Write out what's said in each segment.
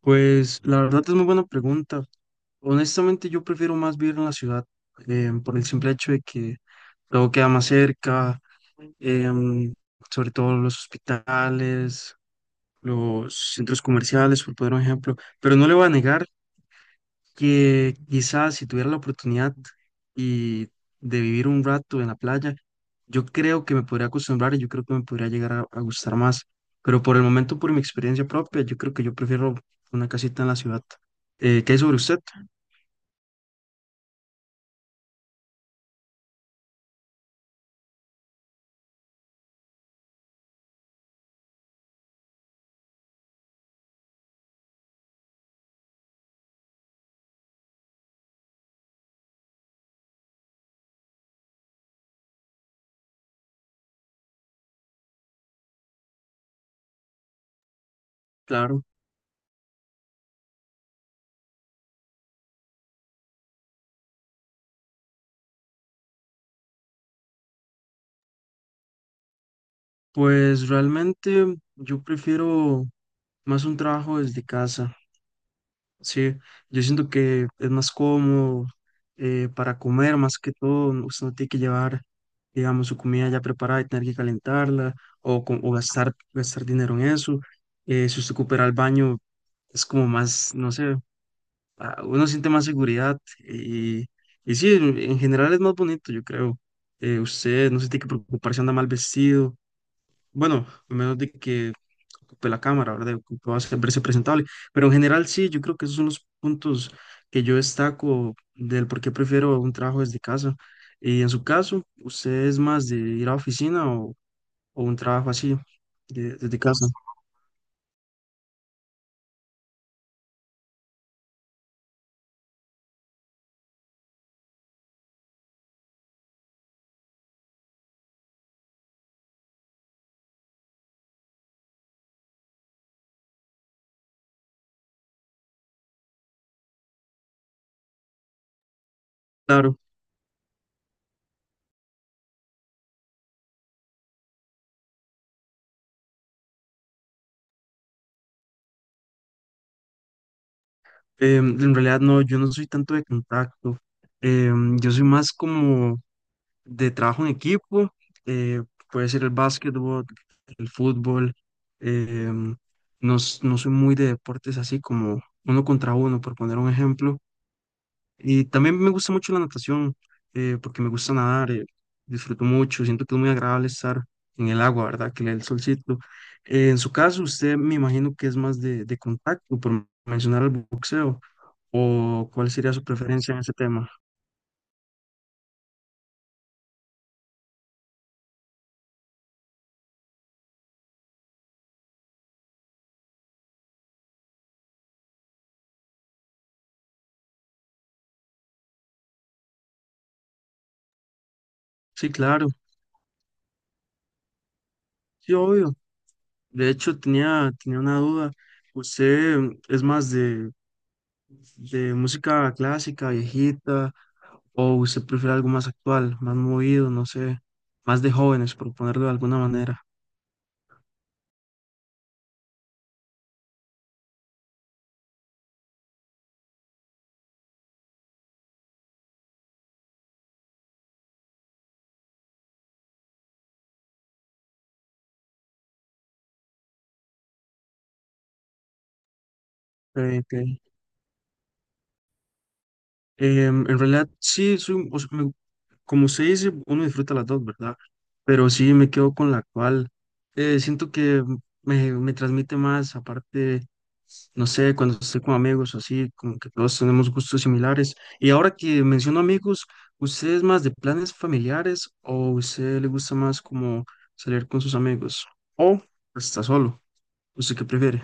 Pues la verdad es muy buena pregunta. Honestamente yo prefiero más vivir en la ciudad por el simple hecho de que todo queda más cerca, em, sobre todo los hospitales, los centros comerciales, por poner un ejemplo. Pero no le voy a negar que quizás si tuviera la oportunidad y de vivir un rato en la playa, yo creo que me podría acostumbrar y yo creo que me podría llegar a gustar más. Pero por el momento, por mi experiencia propia, yo creo que yo prefiero una casita en la ciudad. ¿Qué hay sobre usted? Claro, pues realmente yo prefiero más un trabajo desde casa. Sí, yo siento que es más cómodo, para comer, más que todo, usted no tiene que llevar, digamos, su comida ya preparada y tener que calentarla o, o gastar, dinero en eso. Si usted coopera al baño, es como más, no sé, ah, uno siente más seguridad y sí, en general es más bonito, yo creo. Usted no se tiene que preocupar si anda mal vestido, bueno, a menos de que ocupe la cámara, ¿verdad? Ocupe verse presentable. Pero en general sí, yo creo que esos son los puntos que yo destaco del por qué prefiero un trabajo desde casa. Y en su caso, ¿usted es más de ir a oficina o un trabajo así, desde casa? Claro, en realidad no, yo no soy tanto de contacto. Yo soy más como de trabajo en equipo, eh, puede ser el básquetbol, el fútbol. em, no, no soy muy de deportes así como uno contra uno, por poner un ejemplo. Y también me gusta mucho la natación, porque me gusta nadar, disfruto mucho, siento que es muy agradable estar en el agua, ¿verdad? Que le dé el solcito. En su caso, usted me imagino que es más de contacto, por mencionar el boxeo, o cuál sería su preferencia en ese tema. Sí, claro, sí, obvio. De hecho, tenía una duda. ¿Usted es más de música clásica, viejita, o usted prefiere algo más actual, más movido, no sé, más de jóvenes, por ponerlo de alguna manera? Ok, ok. En realidad, sí, soy, o sea, me, como se dice, uno disfruta las dos, ¿verdad? Pero sí me quedo con la cual siento que me transmite más, aparte, no sé, cuando estoy con amigos o así, como que todos tenemos gustos similares. Y ahora que menciono amigos, ¿usted es más de planes familiares o usted le gusta más como salir con sus amigos? ¿O está solo? ¿Usted qué prefiere?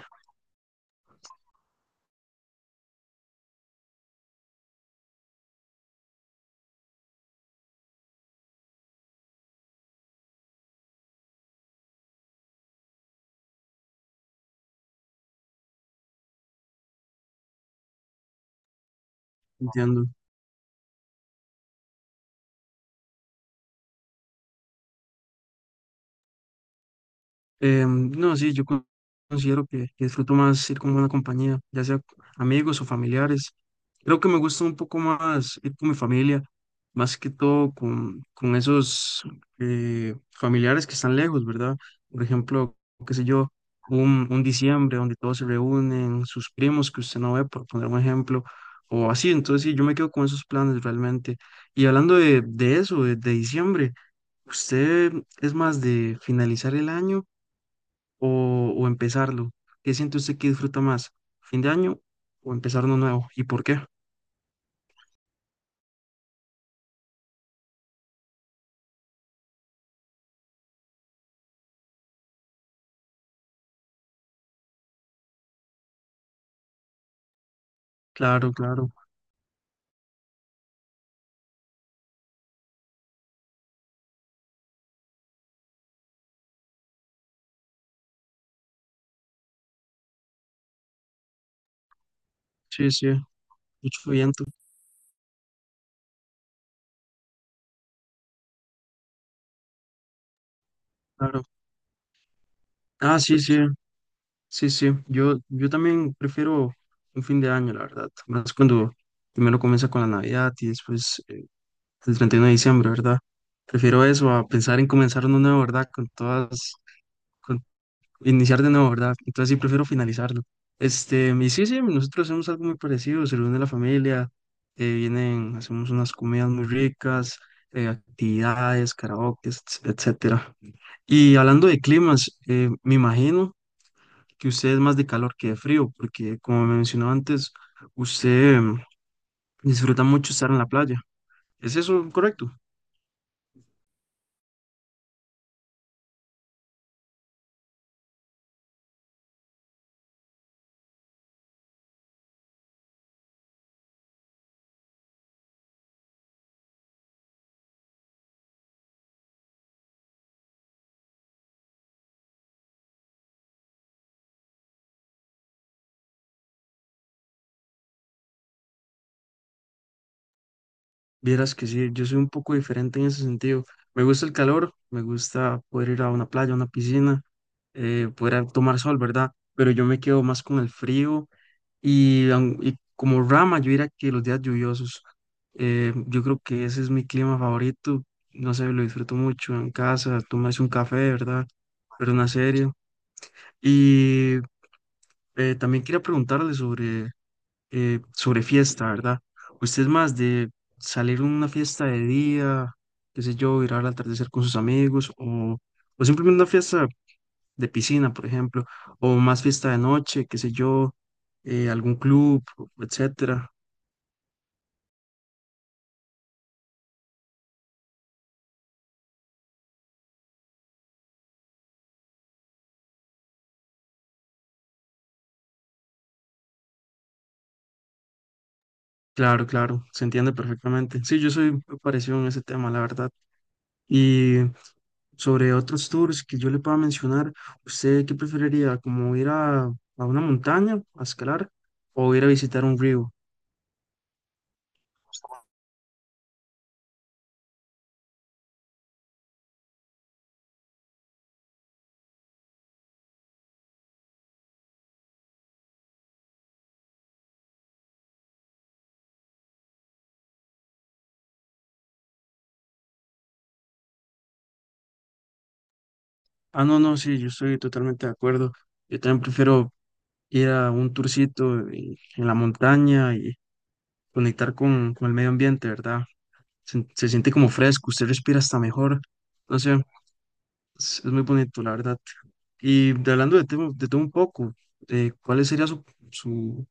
Entiendo. No, sí, considero que disfruto más ir con buena compañía, ya sea amigos o familiares. Creo que me gusta un poco más ir con mi familia, más que todo con esos familiares que están lejos, ¿verdad? Por ejemplo, qué sé yo, un diciembre donde todos se reúnen, sus primos que usted no ve, por poner un ejemplo, o así. Entonces, sí, yo me quedo con esos planes realmente. Y hablando de eso, de diciembre, ¿usted es más de finalizar el año o empezarlo? ¿Qué siente usted que disfruta más? ¿Fin de año o empezar uno nuevo? ¿Y por qué? Claro, claro. Sí, sí, mucho viento, claro. Ah, sí, sí, sí, sí. Yo también prefiero un fin de año, la verdad. Más cuando primero comienza con la Navidad y después el 31 de diciembre, ¿verdad? Prefiero eso a pensar en comenzar uno nuevo, ¿verdad? Con todas, con iniciar de nuevo, ¿verdad? Entonces sí prefiero finalizarlo. Este, y sí, sí, nosotros hacemos algo muy parecido, se reúne la familia, vienen, hacemos unas comidas muy ricas, actividades, karaoke, etcétera. Y hablando de climas, me imagino que usted es más de calor que de frío, porque como me mencionó antes, usted disfruta mucho estar en la playa. ¿Es eso correcto? Vieras que sí, yo soy un poco diferente en ese sentido. Me gusta el calor, me gusta poder ir a una playa, a una piscina, tomar sol, ¿verdad? Pero yo me quedo más con el frío y, y como rama, yo diría que los días lluviosos, yo creo que ese es mi clima favorito. No sé, lo disfruto mucho en casa, tomarse un café, ¿verdad? Pero una serie. Y también quería preguntarle sobre sobre fiesta, ¿verdad? Usted es más de salir a una fiesta de día, qué sé yo, ir al atardecer con sus amigos, o simplemente una fiesta de piscina, por ejemplo, o más fiesta de noche, qué sé yo, algún club, etcétera. Claro, claro, se entiende perfectamente. Sí, yo soy muy parecido en ese tema, la verdad. Y sobre otros tours que yo le pueda mencionar, ¿usted qué preferiría? ¿Como ir a una montaña a escalar o ir a visitar un río? Ah, no, no, sí, yo estoy totalmente de acuerdo. Yo también prefiero ir a un tourcito en la montaña y conectar con el medio ambiente, ¿verdad? Se siente como fresco, usted respira hasta mejor. No sé, es muy bonito, la verdad. Y hablando de todo un poco, ¿cuáles serían su, su,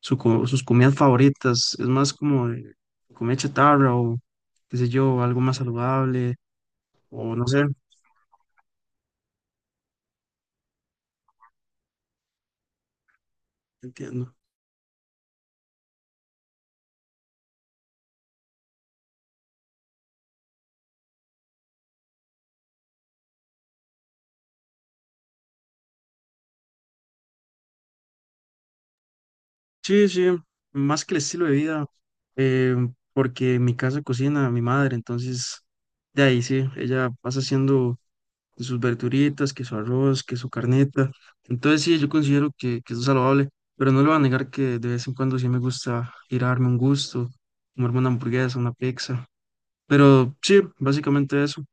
sus comidas favoritas? ¿Es más como de comida chatarra o, qué sé yo, algo más saludable? O no sé, entiendo. Sí, sí, más que el estilo de vida, eh, porque en mi casa cocina mi madre, entonces de ahí sí, ella pasa haciendo sus verduritas, que su arroz, que su carnita, entonces sí, yo considero que eso es saludable, pero no le voy a negar que de vez en cuando sí me gusta ir a darme un gusto, comerme una hamburguesa, una pizza, pero sí, básicamente eso,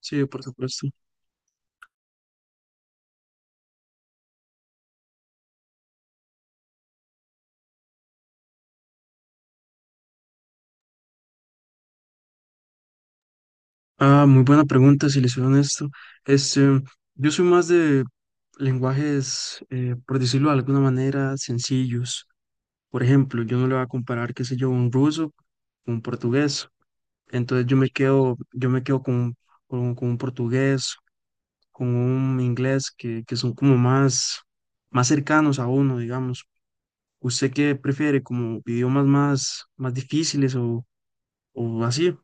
sí, por supuesto. Ah, muy buena pregunta, si les soy honesto, este, yo soy más de lenguajes, por decirlo de alguna manera, sencillos. Por ejemplo, yo no le voy a comparar, qué sé yo, un ruso con un portugués. Entonces yo me quedo con un portugués, con un inglés que son como más, más cercanos a uno, digamos. ¿Usted qué prefiere, como idiomas más, más difíciles o así?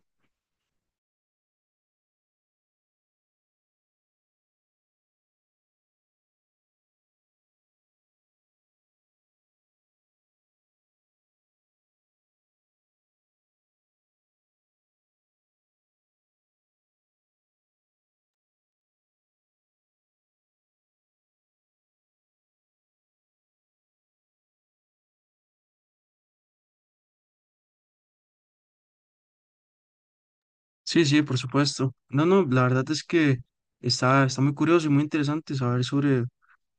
Sí, sí, por supuesto. No, no, la verdad es que está, está muy curioso y muy interesante saber sobre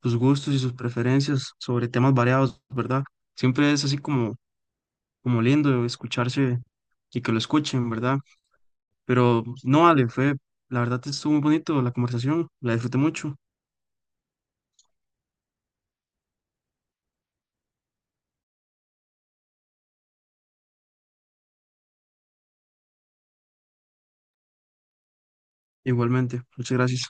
sus gustos y sus preferencias, sobre temas variados, ¿verdad? Siempre es así como, como lindo escucharse y que lo escuchen, ¿verdad? Pero no, Ale, fue, la verdad estuvo muy bonito la conversación, la disfruté mucho, igualmente. Muchas gracias.